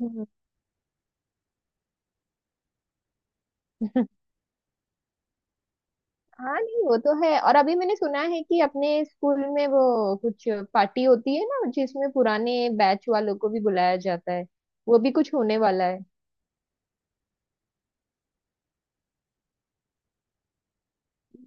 हम्म। हाँ नहीं, वो तो है। और अभी मैंने सुना है कि अपने स्कूल में वो कुछ पार्टी होती है ना, जिसमें पुराने बैच वालों को भी बुलाया जाता है। वो भी कुछ होने वाला है।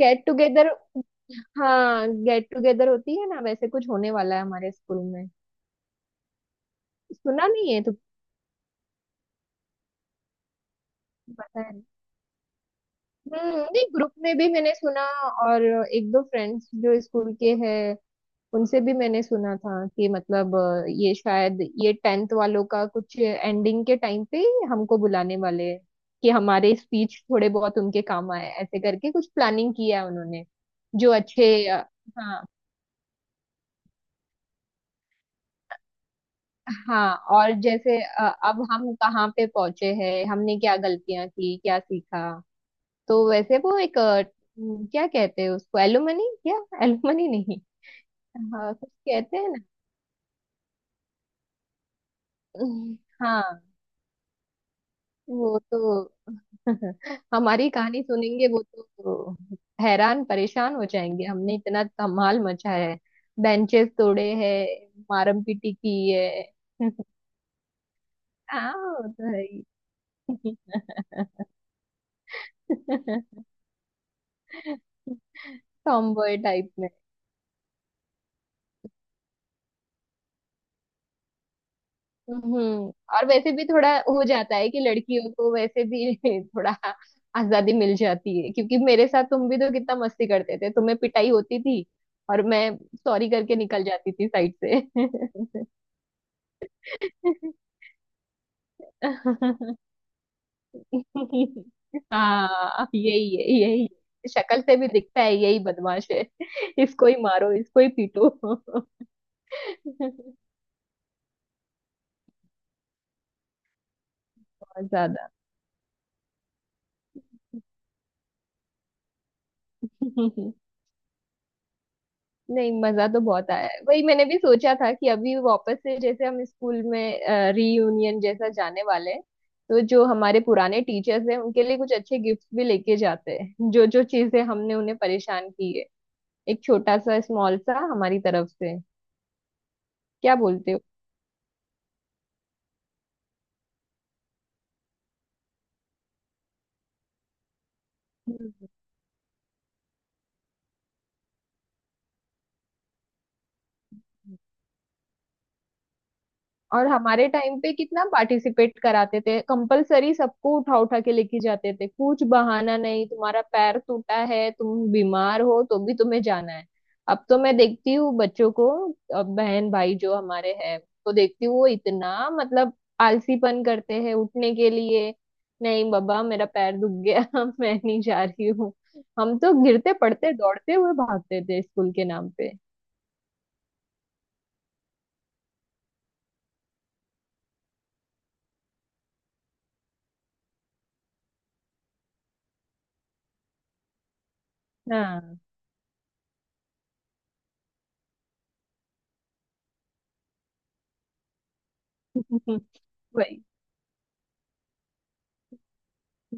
गेट टुगेदर, हाँ गेट टुगेदर होती है ना, वैसे कुछ होने वाला है हमारे स्कूल में। सुना नहीं है तो? पता है। हम्म, नहीं ग्रुप में भी मैंने सुना और एक दो फ्रेंड्स जो स्कूल के हैं उनसे भी मैंने सुना था कि मतलब ये शायद ये टेंथ वालों का कुछ एंडिंग के टाइम पे ही हमको बुलाने वाले हैं कि हमारे स्पीच थोड़े बहुत उनके काम आए। ऐसे करके कुछ प्लानिंग किया है उन्होंने। जो अच्छे हाँ। हाँ, और जैसे अब हम कहाँ पे पहुंचे हैं, हमने क्या गलतियां की, क्या सीखा। तो वैसे वो एक क्या कहते हैं उसको, एलुमनी क्या? एलुमनी नहीं? हाँ, कुछ कहते हैं। ना, हाँ वो तो हमारी कहानी सुनेंगे वो तो हैरान परेशान हो जाएंगे। हमने इतना धमाल मचाया है, बेंचेस तोड़े हैं, मारम पीटी की है। हाँ, वो तो है ही। टॉमबॉय टाइप में। हम्म। और वैसे भी थोड़ा हो जाता है कि लड़कियों को वैसे भी थोड़ा आजादी मिल जाती है। क्योंकि मेरे साथ तुम भी तो कितना मस्ती करते थे, तुम्हें पिटाई होती थी और मैं सॉरी करके निकल जाती थी साइड से। हाँ यही है, यही है, शक्ल से भी दिखता है यही बदमाश है। इसको ही मारो, इसको ही पीटो बहुत ज्यादा। नहीं, मजा तो बहुत आया है। वही मैंने भी सोचा था कि अभी वापस से जैसे हम स्कूल में रीयूनियन जैसा जाने वाले हैं तो जो हमारे पुराने टीचर्स हैं उनके लिए कुछ अच्छे गिफ्ट्स भी लेके जाते हैं, जो जो चीजें हमने उन्हें परेशान की है। एक छोटा सा, स्मॉल सा हमारी तरफ से, क्या बोलते हो। हम्म। और हमारे टाइम पे कितना पार्टिसिपेट कराते थे, कंपलसरी सबको उठा उठा के लेके जाते थे, कुछ बहाना नहीं, तुम्हारा पैर टूटा है, तुम बीमार हो, तो भी तुम्हें जाना है। अब तो मैं देखती हूँ बच्चों को, बहन भाई जो हमारे हैं, तो देखती हूँ वो इतना मतलब आलसीपन करते हैं उठने के लिए। नहीं बाबा, मेरा पैर दुख गया। मैं नहीं जा रही हूँ। हम तो गिरते पड़ते दौड़ते हुए भागते थे स्कूल के नाम पे। हाँ। वही।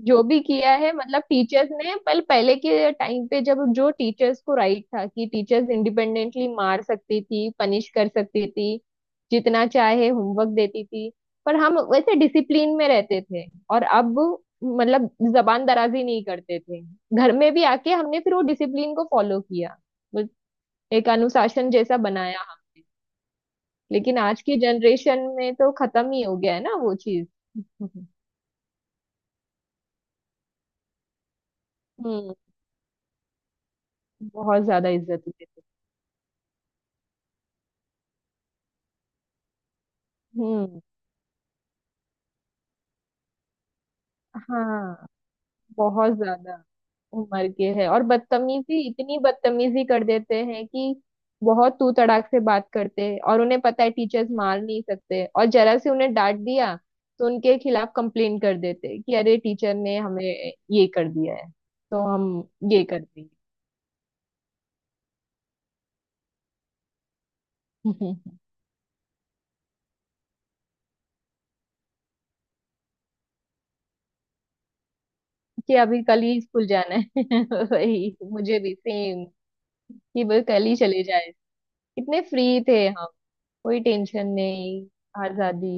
जो भी किया है मतलब टीचर्स ने पहले पहले के टाइम पे, जब जो टीचर्स को राइट था कि टीचर्स इंडिपेंडेंटली मार सकती थी, पनिश कर सकती थी, जितना चाहे होमवर्क देती थी। पर हम वैसे डिसिप्लिन में रहते थे। और अब मतलब जबान दराजी नहीं करते थे, घर में भी आके हमने फिर वो डिसिप्लिन को फॉलो किया। बस एक अनुशासन जैसा बनाया हमने। लेकिन आज की जनरेशन में तो खत्म ही हो गया है ना वो चीज। हम्म। बहुत ज्यादा इज्जत देते हैं। हम्म। हाँ बहुत ज्यादा उम्र के है, और बदतमीजी, इतनी बदतमीजी कर देते हैं कि बहुत तू तड़ाक से बात करते हैं। और उन्हें पता है टीचर्स मार नहीं सकते, और जरा से उन्हें डांट दिया तो उनके खिलाफ कंप्लेन कर देते हैं कि अरे टीचर ने हमें ये कर दिया है तो हम ये कर देंगे। कि अभी कल ही स्कूल जाना है। वही मुझे भी सेम, कि बस कल ही चले जाए। कितने फ्री थे हम, कोई टेंशन नहीं, आजादी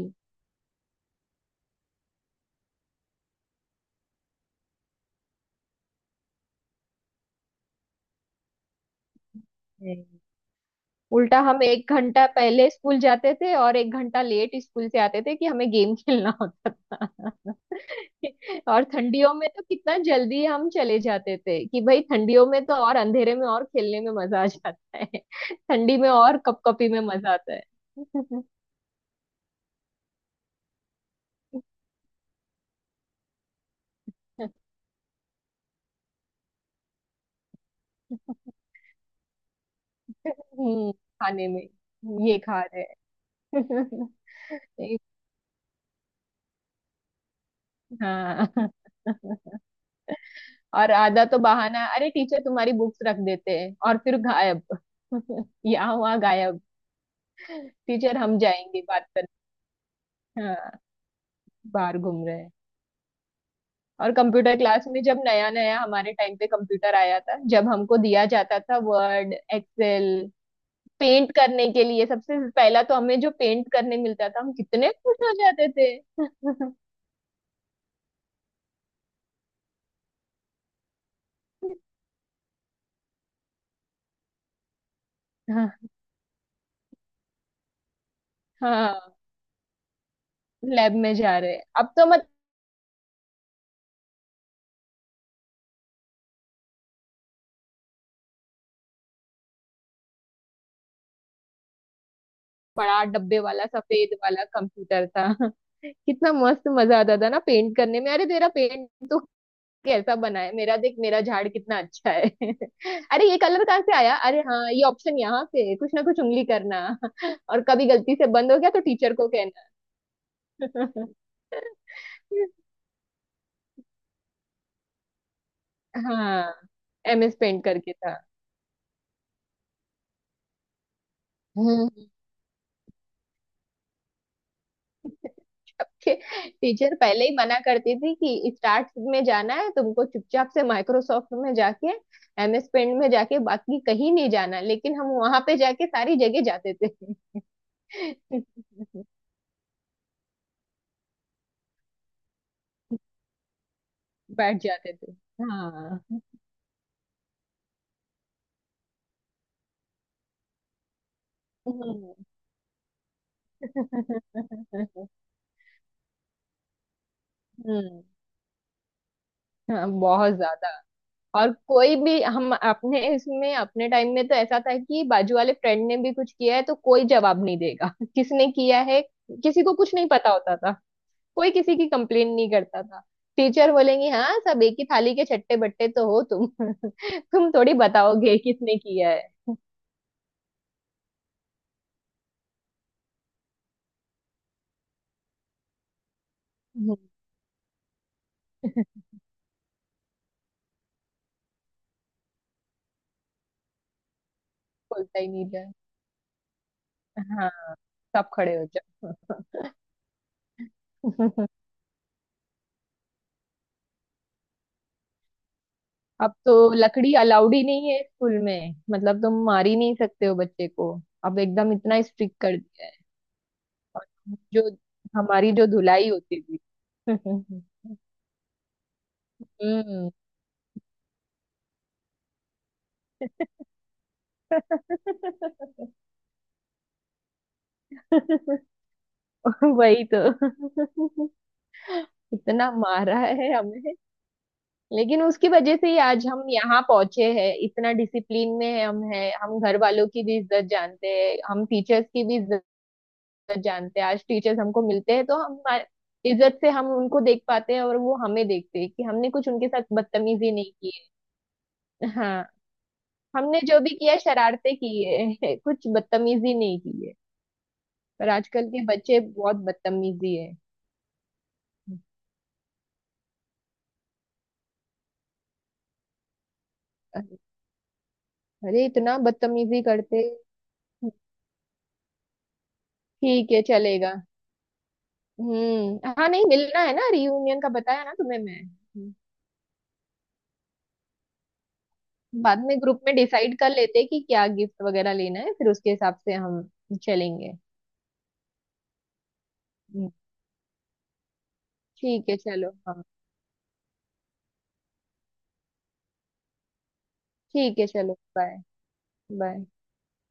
है। उल्टा हम 1 घंटा पहले स्कूल जाते थे और 1 घंटा लेट स्कूल से आते थे कि हमें गेम खेलना होता था। और ठंडियों में तो कितना जल्दी हम चले जाते थे कि भाई ठंडियों में तो और अंधेरे में और खेलने में मजा आ जाता है। ठंडी में और कपकपी में मजा आता है। खाने में ये खा रहे हैं। हाँ। और आधा तो बहाना, अरे टीचर तुम्हारी बुक्स रख देते हैं और फिर गायब। यहाँ वहाँ गायब। टीचर हम जाएंगे बात करने, हाँ, बाहर घूम रहे हैं। और कंप्यूटर क्लास में जब नया नया हमारे टाइम पे कंप्यूटर आया था, जब हमको दिया जाता था वर्ड, एक्सेल, पेंट करने के लिए, सबसे पहला तो हमें जो पेंट करने मिलता था हम कितने खुश हो जाते थे। हाँ। हाँ, लैब में जा रहे हैं अब तो। बड़ा डब्बे वाला सफेद वाला कंप्यूटर था। कितना मस्त मजा आता था ना पेंट करने में। अरे तेरा पेंट तो कैसा बना है, मेरा देख, मेरा झाड़ कितना अच्छा है। अरे ये कलर कहाँ से आया, अरे हाँ ये ऑप्शन यहाँ से है। कुछ ना कुछ उंगली करना। और कभी गलती से बंद हो गया तो टीचर को कहना। हाँ, एमएस पेंट करके था। हम्म, सबके टीचर पहले ही मना करती थी कि स्टार्ट में जाना है तुमको, चुपचाप से माइक्रोसॉफ्ट में जाके एमएस पेंट में जाके, बाकी कहीं नहीं जाना। लेकिन हम वहां पे जाके सारी जगह जाते थे। बैठ जाते थे। हाँ। हम्म। हम्म। हाँ बहुत ज्यादा। और कोई भी, हम अपने इसमें अपने टाइम में तो ऐसा था कि बाजू वाले फ्रेंड ने भी कुछ किया है तो कोई जवाब नहीं देगा। किसने किया है, किसी को कुछ नहीं पता होता। कोई किसी की कंप्लेन नहीं करता था। टीचर बोलेंगे हाँ सब एक ही थाली के छट्टे बट्टे तो हो तुम। तुम थोड़ी बताओगे किसने किया है। हम्म। बोलता ही नहीं था। हाँ सब खड़े हो जाओ। अब तो लकड़ी अलाउड ही नहीं है स्कूल में, मतलब तुम मार ही नहीं सकते हो बच्चे को। अब एकदम इतना स्ट्रिक्ट कर दिया है। और जो हमारी जो धुलाई होती थी। हम्म। वही तो। इतना मारा है हमें, लेकिन उसकी वजह से ही आज हम यहाँ पहुंचे हैं, इतना डिसिप्लिन में है हम, हैं हम, घर वालों की भी इज्जत जानते हैं हम, टीचर्स की भी इज्जत जानते हैं। आज टीचर्स हमको मिलते हैं तो हम इज्जत से हम उनको देख पाते हैं और वो हमें देखते हैं कि हमने कुछ उनके साथ बदतमीजी नहीं की है। हाँ हमने जो भी किया शरारते की है। कुछ बदतमीजी नहीं की है। पर आजकल के बच्चे बहुत बदतमीजी है, अरे इतना बदतमीजी करते। ठीक है, चलेगा। हाँ, नहीं मिलना है ना, रियूनियन का बताया ना तुम्हें मैं, बाद में ग्रुप में डिसाइड कर लेते हैं कि क्या गिफ्ट वगैरह लेना है फिर उसके हिसाब से हम चलेंगे। हम्म। ठीक है चलो। हाँ ठीक है, चलो बाय। बाय।